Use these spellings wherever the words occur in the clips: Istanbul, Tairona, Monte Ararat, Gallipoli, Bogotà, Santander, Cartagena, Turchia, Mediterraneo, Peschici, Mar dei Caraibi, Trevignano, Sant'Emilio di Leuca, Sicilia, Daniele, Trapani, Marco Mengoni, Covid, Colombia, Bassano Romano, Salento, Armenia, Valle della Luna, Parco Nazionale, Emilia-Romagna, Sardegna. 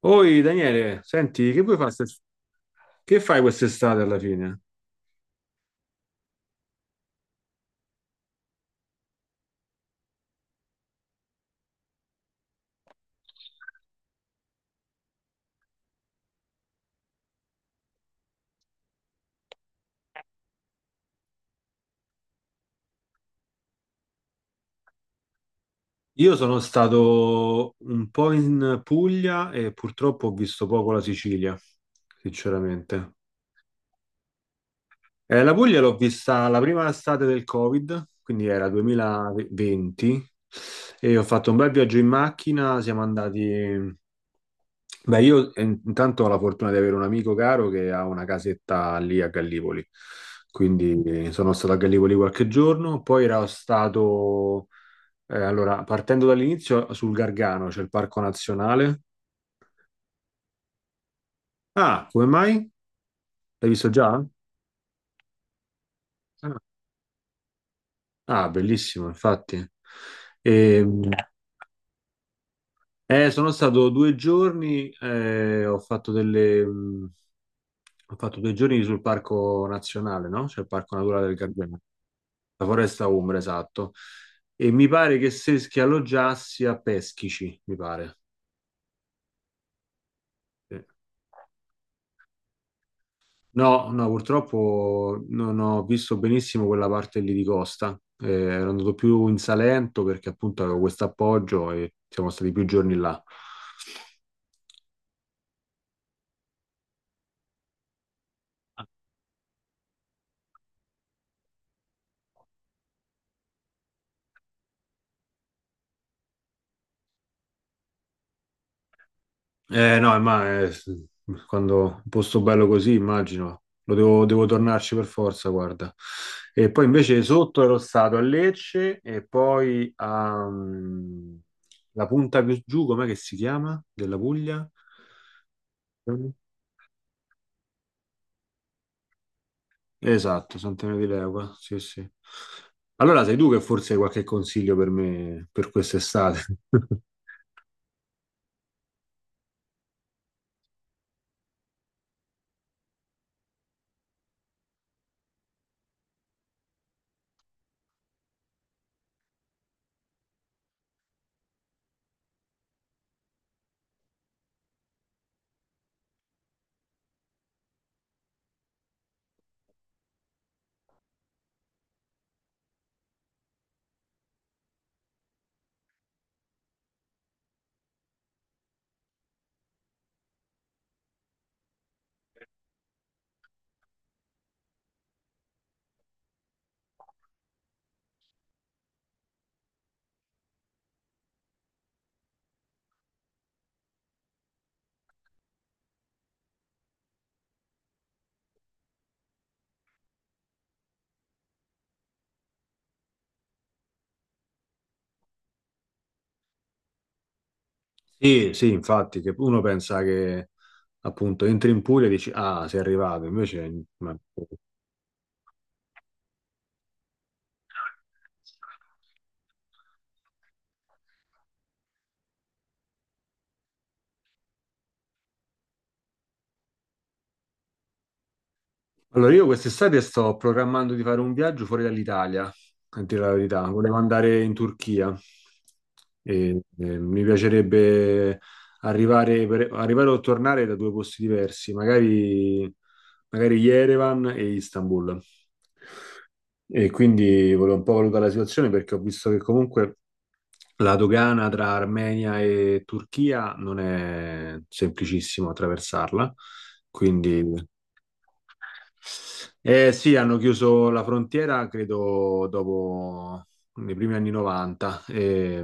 Oi Daniele, senti, che vuoi fare? Che fai quest'estate alla fine? Io sono stato un po' in Puglia e purtroppo ho visto poco la Sicilia, sinceramente. La Puglia l'ho vista la prima estate del Covid, quindi era 2020, e ho fatto un bel viaggio in macchina, siamo andati. Beh, io intanto ho la fortuna di avere un amico caro che ha una casetta lì a Gallipoli, quindi sono stato a Gallipoli qualche giorno, poi ero stato, allora, partendo dall'inizio, sul Gargano, c'è il Parco Nazionale. Ah, come mai? L'hai visto già? Ah, ah, bellissimo, infatti. E, mh, sono stato due giorni, ho fatto delle. Ho fatto due giorni sul Parco Nazionale, no? C'è il Parco Naturale del Gargano. La foresta Umbra, esatto. E mi pare che se che alloggiassi a Peschici, mi pare. Sì. No, no, purtroppo non ho visto benissimo quella parte lì di costa. Ero andato più in Salento perché appunto avevo questo appoggio e siamo stati più giorni là. Eh no, ma quando un posto bello così, immagino, lo devo, devo tornarci per forza, guarda. E poi invece sotto ero stato a Lecce e poi a la punta più giù, com'è che si chiama? Della Puglia? Esatto, Sant'Emilio di Leuca, sì, sì. Allora sei tu che forse hai qualche consiglio per me per quest'estate? Sì, sì, infatti, che uno pensa che appunto entri in Puglia e dici, ah, sei arrivato, invece. Allora, io quest'estate sto programmando di fare un viaggio fuori dall'Italia, a dire la verità. Volevo andare in Turchia e mi piacerebbe arrivare o tornare da due posti diversi, magari, magari Yerevan e Istanbul. E quindi volevo un po' valutare la situazione perché ho visto che comunque la dogana tra Armenia e Turchia non è semplicissimo attraversarla, quindi sì, hanno chiuso la frontiera credo dopo nei primi anni 90,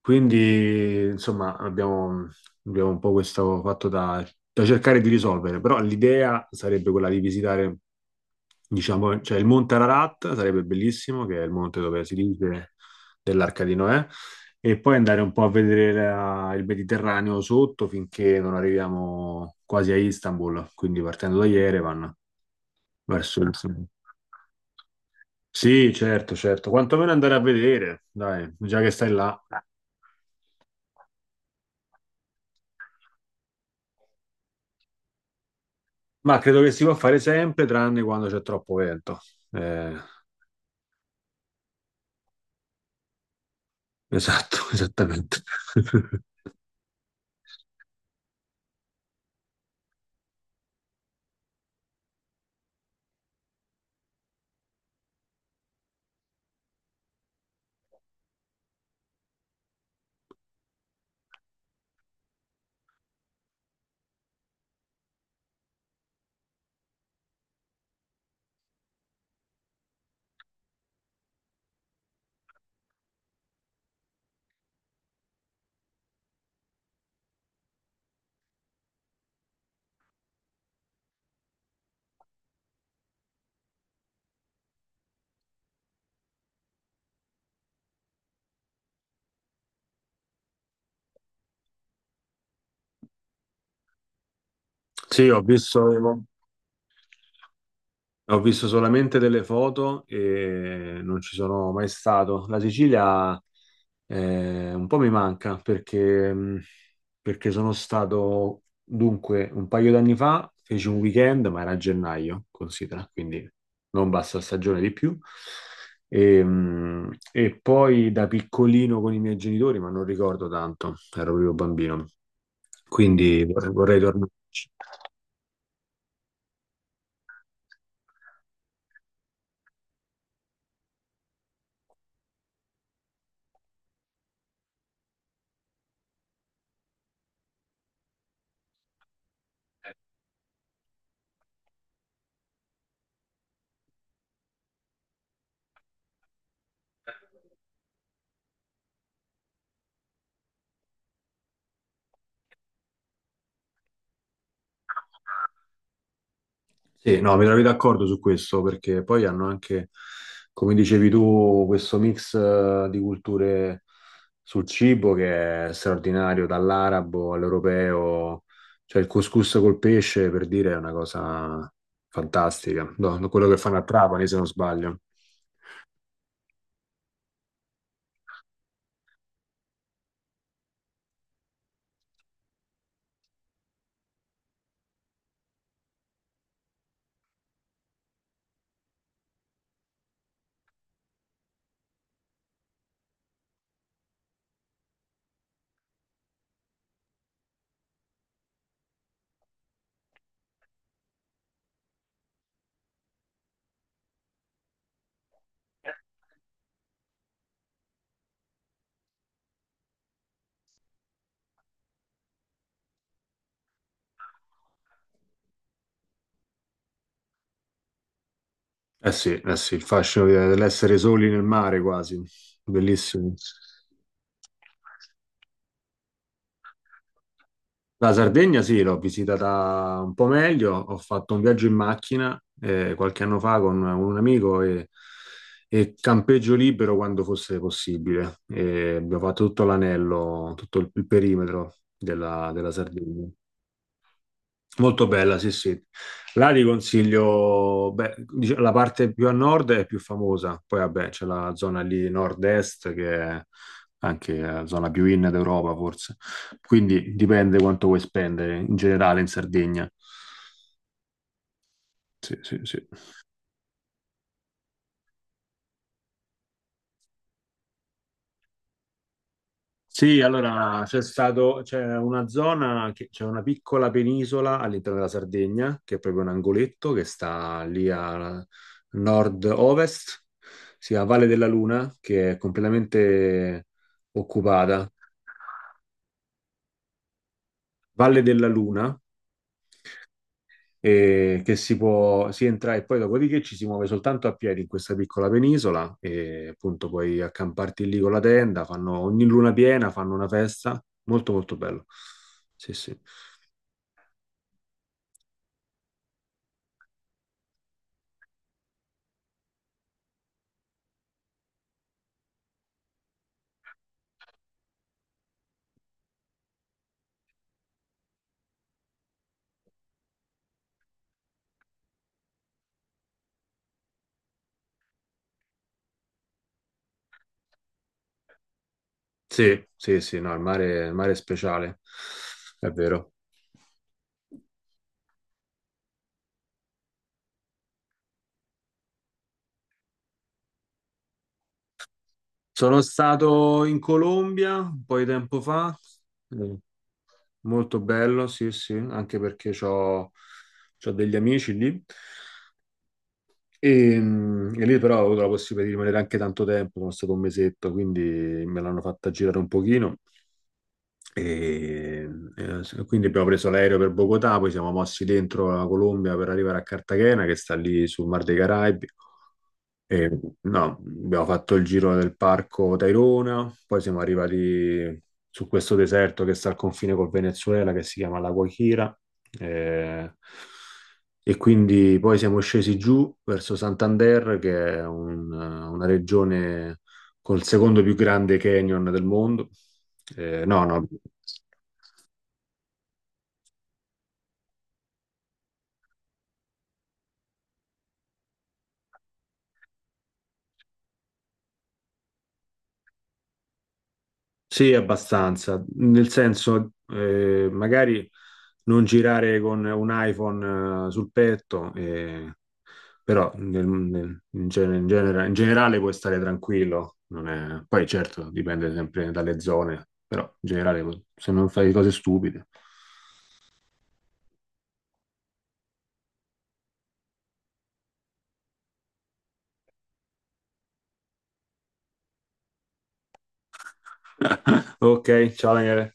quindi insomma abbiamo un po' questo fatto da cercare di risolvere, però l'idea sarebbe quella di visitare. Diciamo, c'è il Monte Ararat, sarebbe bellissimo, che è il monte dove si dice dell'Arca di Noè, e poi andare un po' a vedere il Mediterraneo sotto finché non arriviamo quasi a Istanbul, quindi partendo da Yerevan verso Istanbul. Sì, certo, certo, quantomeno andare a vedere, dai, già che stai là. Ma credo che si può fare sempre, tranne quando c'è troppo vento. Eh, esatto, esattamente. Sì, ho visto, ho visto solamente delle foto e non ci sono mai stato. La Sicilia un po' mi manca perché perché sono stato, dunque, un paio d'anni fa, feci un weekend, ma era a gennaio, considera, quindi non bassa stagione di più. E poi da piccolino con i miei genitori, ma non ricordo tanto, ero proprio bambino, quindi vorrei tornarci. Sì, no, mi trovi d'accordo su questo perché poi hanno anche, come dicevi tu, questo mix di culture sul cibo che è straordinario, dall'arabo all'europeo, cioè il couscous col pesce per dire è una cosa fantastica. No, no, quello che fanno a Trapani se non sbaglio. Sì, eh sì, il fascino dell'essere soli nel mare quasi, bellissimo. La Sardegna sì, l'ho visitata un po' meglio, ho fatto un viaggio in macchina qualche anno fa con un amico e campeggio libero quando fosse possibile. E abbiamo fatto tutto l'anello, tutto il perimetro della Sardegna. Molto bella, sì, sì. Là ti consiglio, beh, la parte più a nord è più famosa, poi vabbè c'è la zona lì nord-est che è anche la zona più in d'Europa forse, quindi dipende quanto vuoi spendere in generale in Sardegna. Sì, sì, sì. Sì, allora c'è stato, c'è una zona, c'è una piccola penisola all'interno della Sardegna, che è proprio un angoletto che sta lì a nord-ovest, si chiama Valle della Luna, che è completamente occupata. Valle della Luna, e che si può, si entra e poi dopodiché ci si muove soltanto a piedi in questa piccola penisola e appunto puoi accamparti lì con la tenda, fanno ogni luna piena, fanno una festa, molto molto bello. Sì, sì. Sì, sì, sì, no, il mare è speciale, è vero. Sono stato in Colombia un po' di tempo fa, eh, molto bello, sì, sì, anche perché ho degli amici lì. E lì però ho avuto la possibilità di rimanere anche tanto tempo, sono stato un mesetto, quindi me l'hanno fatta girare un pochino. E, quindi abbiamo preso l'aereo per Bogotà, poi siamo mossi dentro la Colombia per arrivare a Cartagena, che sta lì sul Mar dei Caraibi. E, no, abbiamo fatto il giro del parco Tairona, poi siamo arrivati su questo deserto che sta al confine col Venezuela, che si chiama La Guajira. eh, e quindi poi siamo scesi giù verso Santander, che è una regione col secondo più grande canyon del mondo. No, no. Sì, abbastanza, nel senso, magari non girare con un iPhone sul petto, però in generale puoi stare tranquillo, non è- poi certo dipende sempre dalle zone, però in generale se non fai cose stupide. Ok, ciao Daniele.